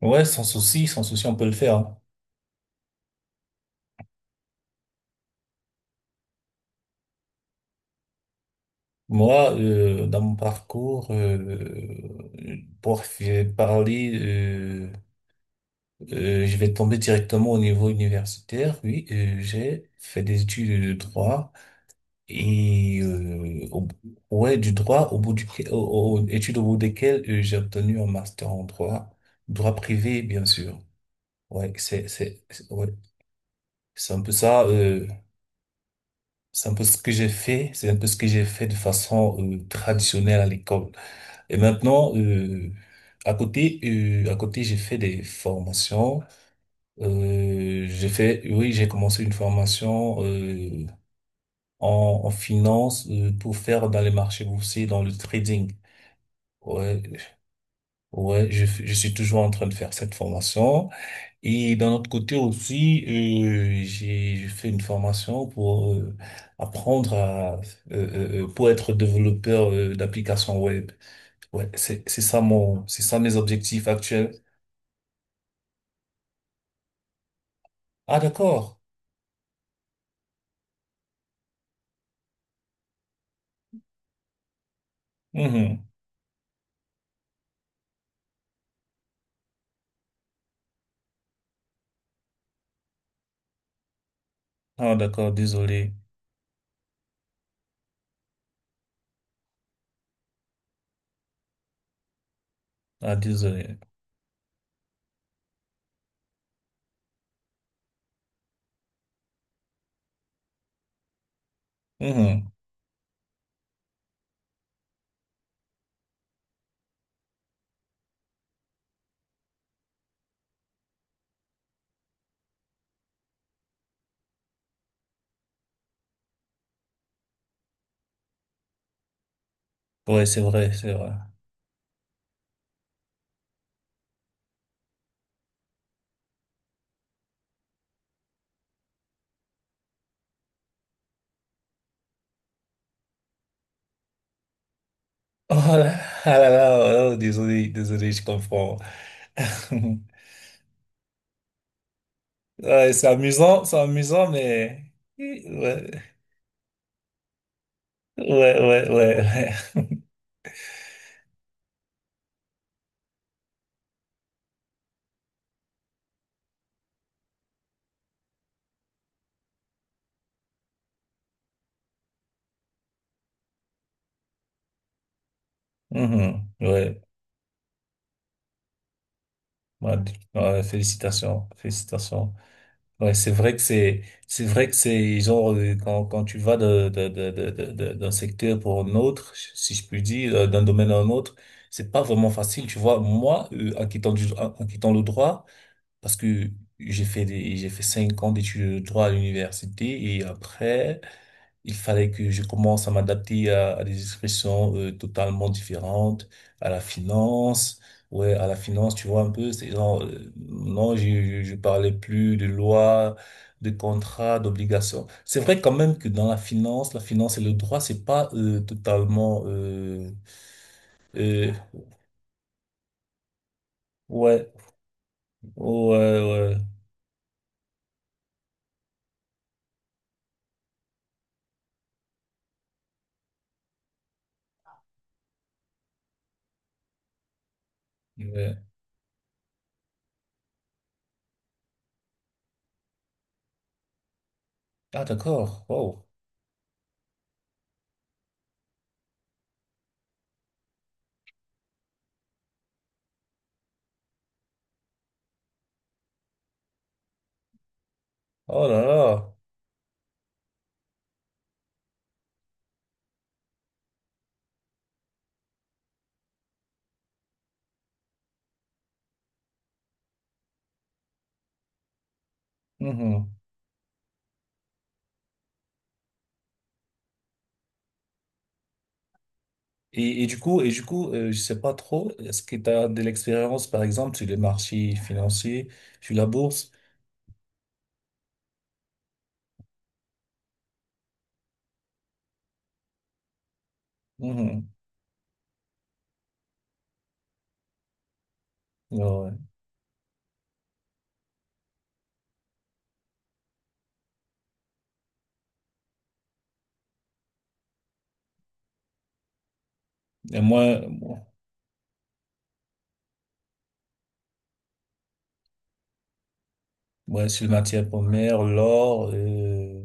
Ouais, sans souci, sans souci, on peut le faire. Moi, dans mon parcours, je vais tomber directement au niveau universitaire. Oui, j'ai fait des études de droit et euh, au- ouais, du droit au bout du, au- au- études au bout desquelles j'ai obtenu un master en droit, droit privé, bien sûr. Ouais, ouais, c'est un peu ça. C'est un peu ce que j'ai fait, c'est un peu ce que j'ai fait de façon traditionnelle à l'école. Et maintenant, à côté, j'ai fait des formations. Oui, j'ai commencé une formation en finance pour faire dans les marchés boursiers, dans le trading. Ouais, ouais, je suis toujours en train de faire cette formation. Et d'un autre côté aussi, j'ai fait une formation pour apprendre à pour être développeur d'applications web. Ouais, c'est ça mes objectifs actuels. Ah d'accord. Mhm. Ah d'accord, désolé. Ah désolé. Mhm. Ouais, c'est vrai, c'est vrai. Oh là, ah là, là, oh, désolé, désolé, je comprends. Ouais, c'est amusant, mais ouais, ouais, ouais, ouais. Ouais. Mhm. Ouais. Ouais, ouais, félicitations, félicitations. Ouais, c'est vrai que c'est genre quand tu vas d'un secteur pour un autre, si je puis dire, d'un domaine à un autre, c'est pas vraiment facile. Tu vois, moi, en quittant le droit, parce que j'ai fait 5 ans d'études de droit à l'université et après. Il fallait que je commence à m'adapter à des expressions totalement différentes, à la finance, ouais, à la finance, tu vois un peu, c'est genre, non, je parlais plus de loi, de contrat, d'obligation. C'est vrai quand même que dans la finance et le droit, c'est pas totalement, euh, ouais, ouais, ouais, ouais. Ah d'accord, wow, oh là là. Et du coup, je sais pas trop, est-ce que tu as de l'expérience, par exemple, sur les marchés financiers, sur la bourse? Mhm. Ouais. Ouais. Et moi, bon, ouais, sur les matières premières, l'or,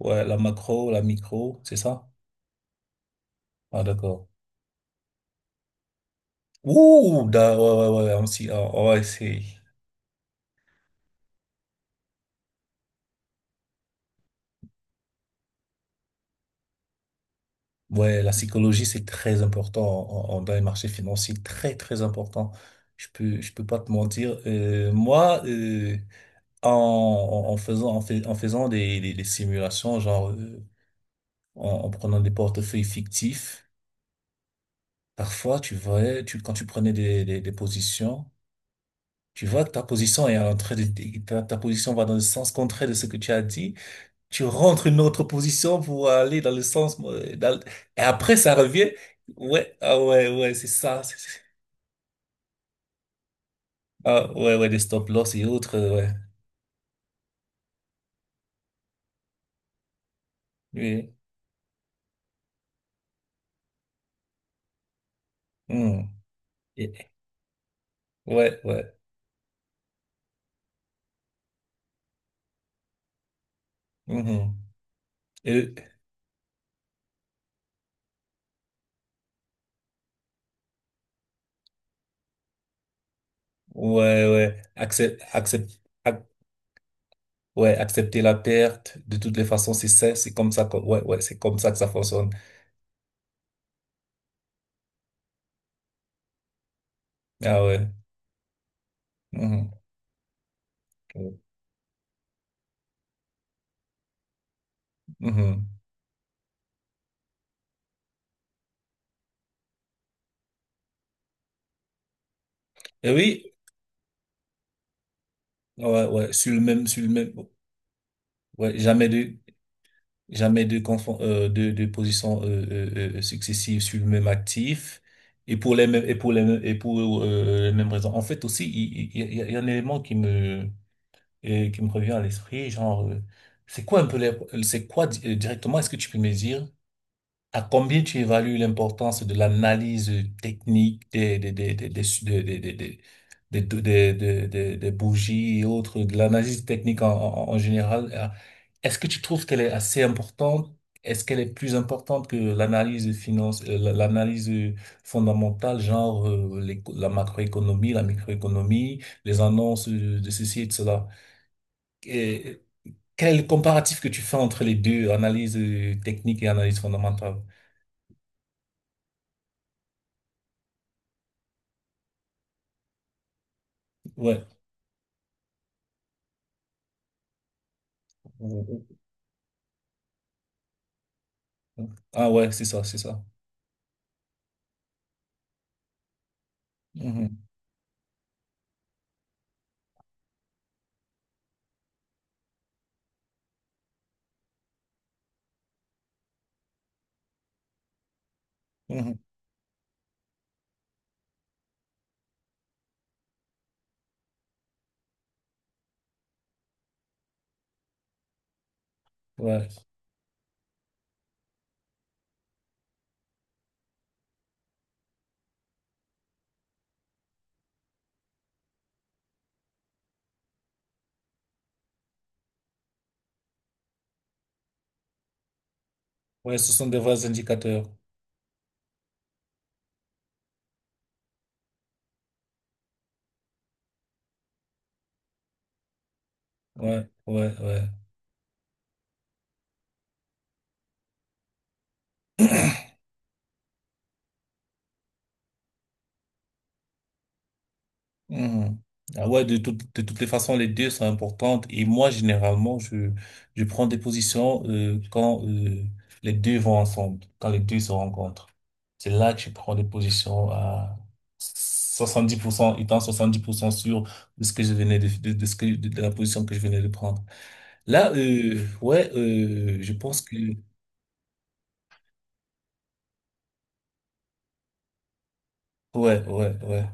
ouais, la macro, la micro, c'est ça? Ah, d'accord. Ouh, ouais, ouais, ouais, ah, ouais, c'est, ouais, la psychologie, c'est très important dans les marchés financiers, très, très important. Je peux pas te mentir. Moi, en, en en faisant des simulations, genre en prenant des portefeuilles fictifs, parfois quand tu prenais des positions, tu vois que ta position est en train de, ta, ta position va dans le sens contraire de ce que tu as dit. Tu rentres une autre position pour aller dans le sens, et après ça revient. Ouais, ah ouais, ouais, c'est ça. Ah ouais, ouais, des stop-loss et autres, ouais. Oui. Hmm. Et- Ouais, ouais. Mhm. Ouais, ouais. Ac- ouais, accepter la perte. De toutes les façons, c'est ça, c'est comme ça que, ouais, ouais, c'est comme ça que ça fonctionne. Ah ouais. Mhm. Mhm. Et oui, ouais, ouais, sur le même, ouais, jamais de positions successive sur le même actif. Et pour les mêmes, les mêmes raisons. En fait, aussi, il y a un élément et qui me revient à l'esprit, genre, c'est quoi un peu, les- c'est quoi directement, est-ce que tu peux me dire à combien tu évalues l'importance de l'analyse technique des bougies et autres, de l'analyse technique en général? Est-ce que tu trouves qu'elle est assez importante? Est-ce qu'elle est plus importante que l'analyse l'analyse fondamentale, genre la macroéconomie, la microéconomie, les annonces de ceci et de cela? Quel est le comparatif que tu fais entre les deux, analyse technique et analyse fondamentale? Ouais. Ah ouais, c'est ça, c'est ça. Mhm. Mhm. Ouais. Ouais, ce sont des vrais indicateurs. Ouais, ouais, ouais. Mhm. Ah ouais, de toutes les façons, les deux sont importantes. Et moi, généralement, je prends des positions quand les deux vont ensemble, quand les deux se rencontrent. C'est là que je prends des positions à 70% étant 70% sûr de ce que je venais de, la position que je venais de prendre. Là, ouais, je pense que... Ouais, ouais, ouais.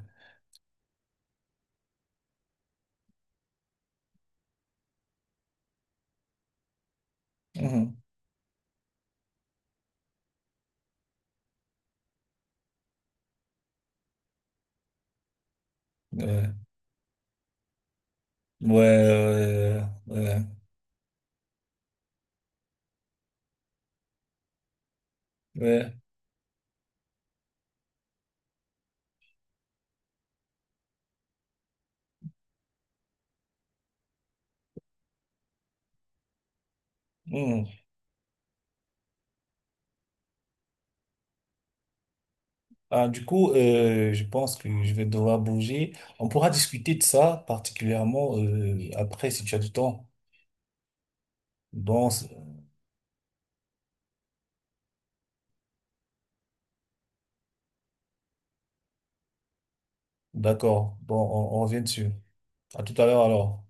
Mhm. Ouais, ouais, ouais, ouais. Ouais. Mhm. Ah, du coup, je pense que je vais devoir bouger. On pourra discuter de ça particulièrement après si tu as du temps. Bon, d'accord. Bon, on revient dessus. À tout à l'heure alors.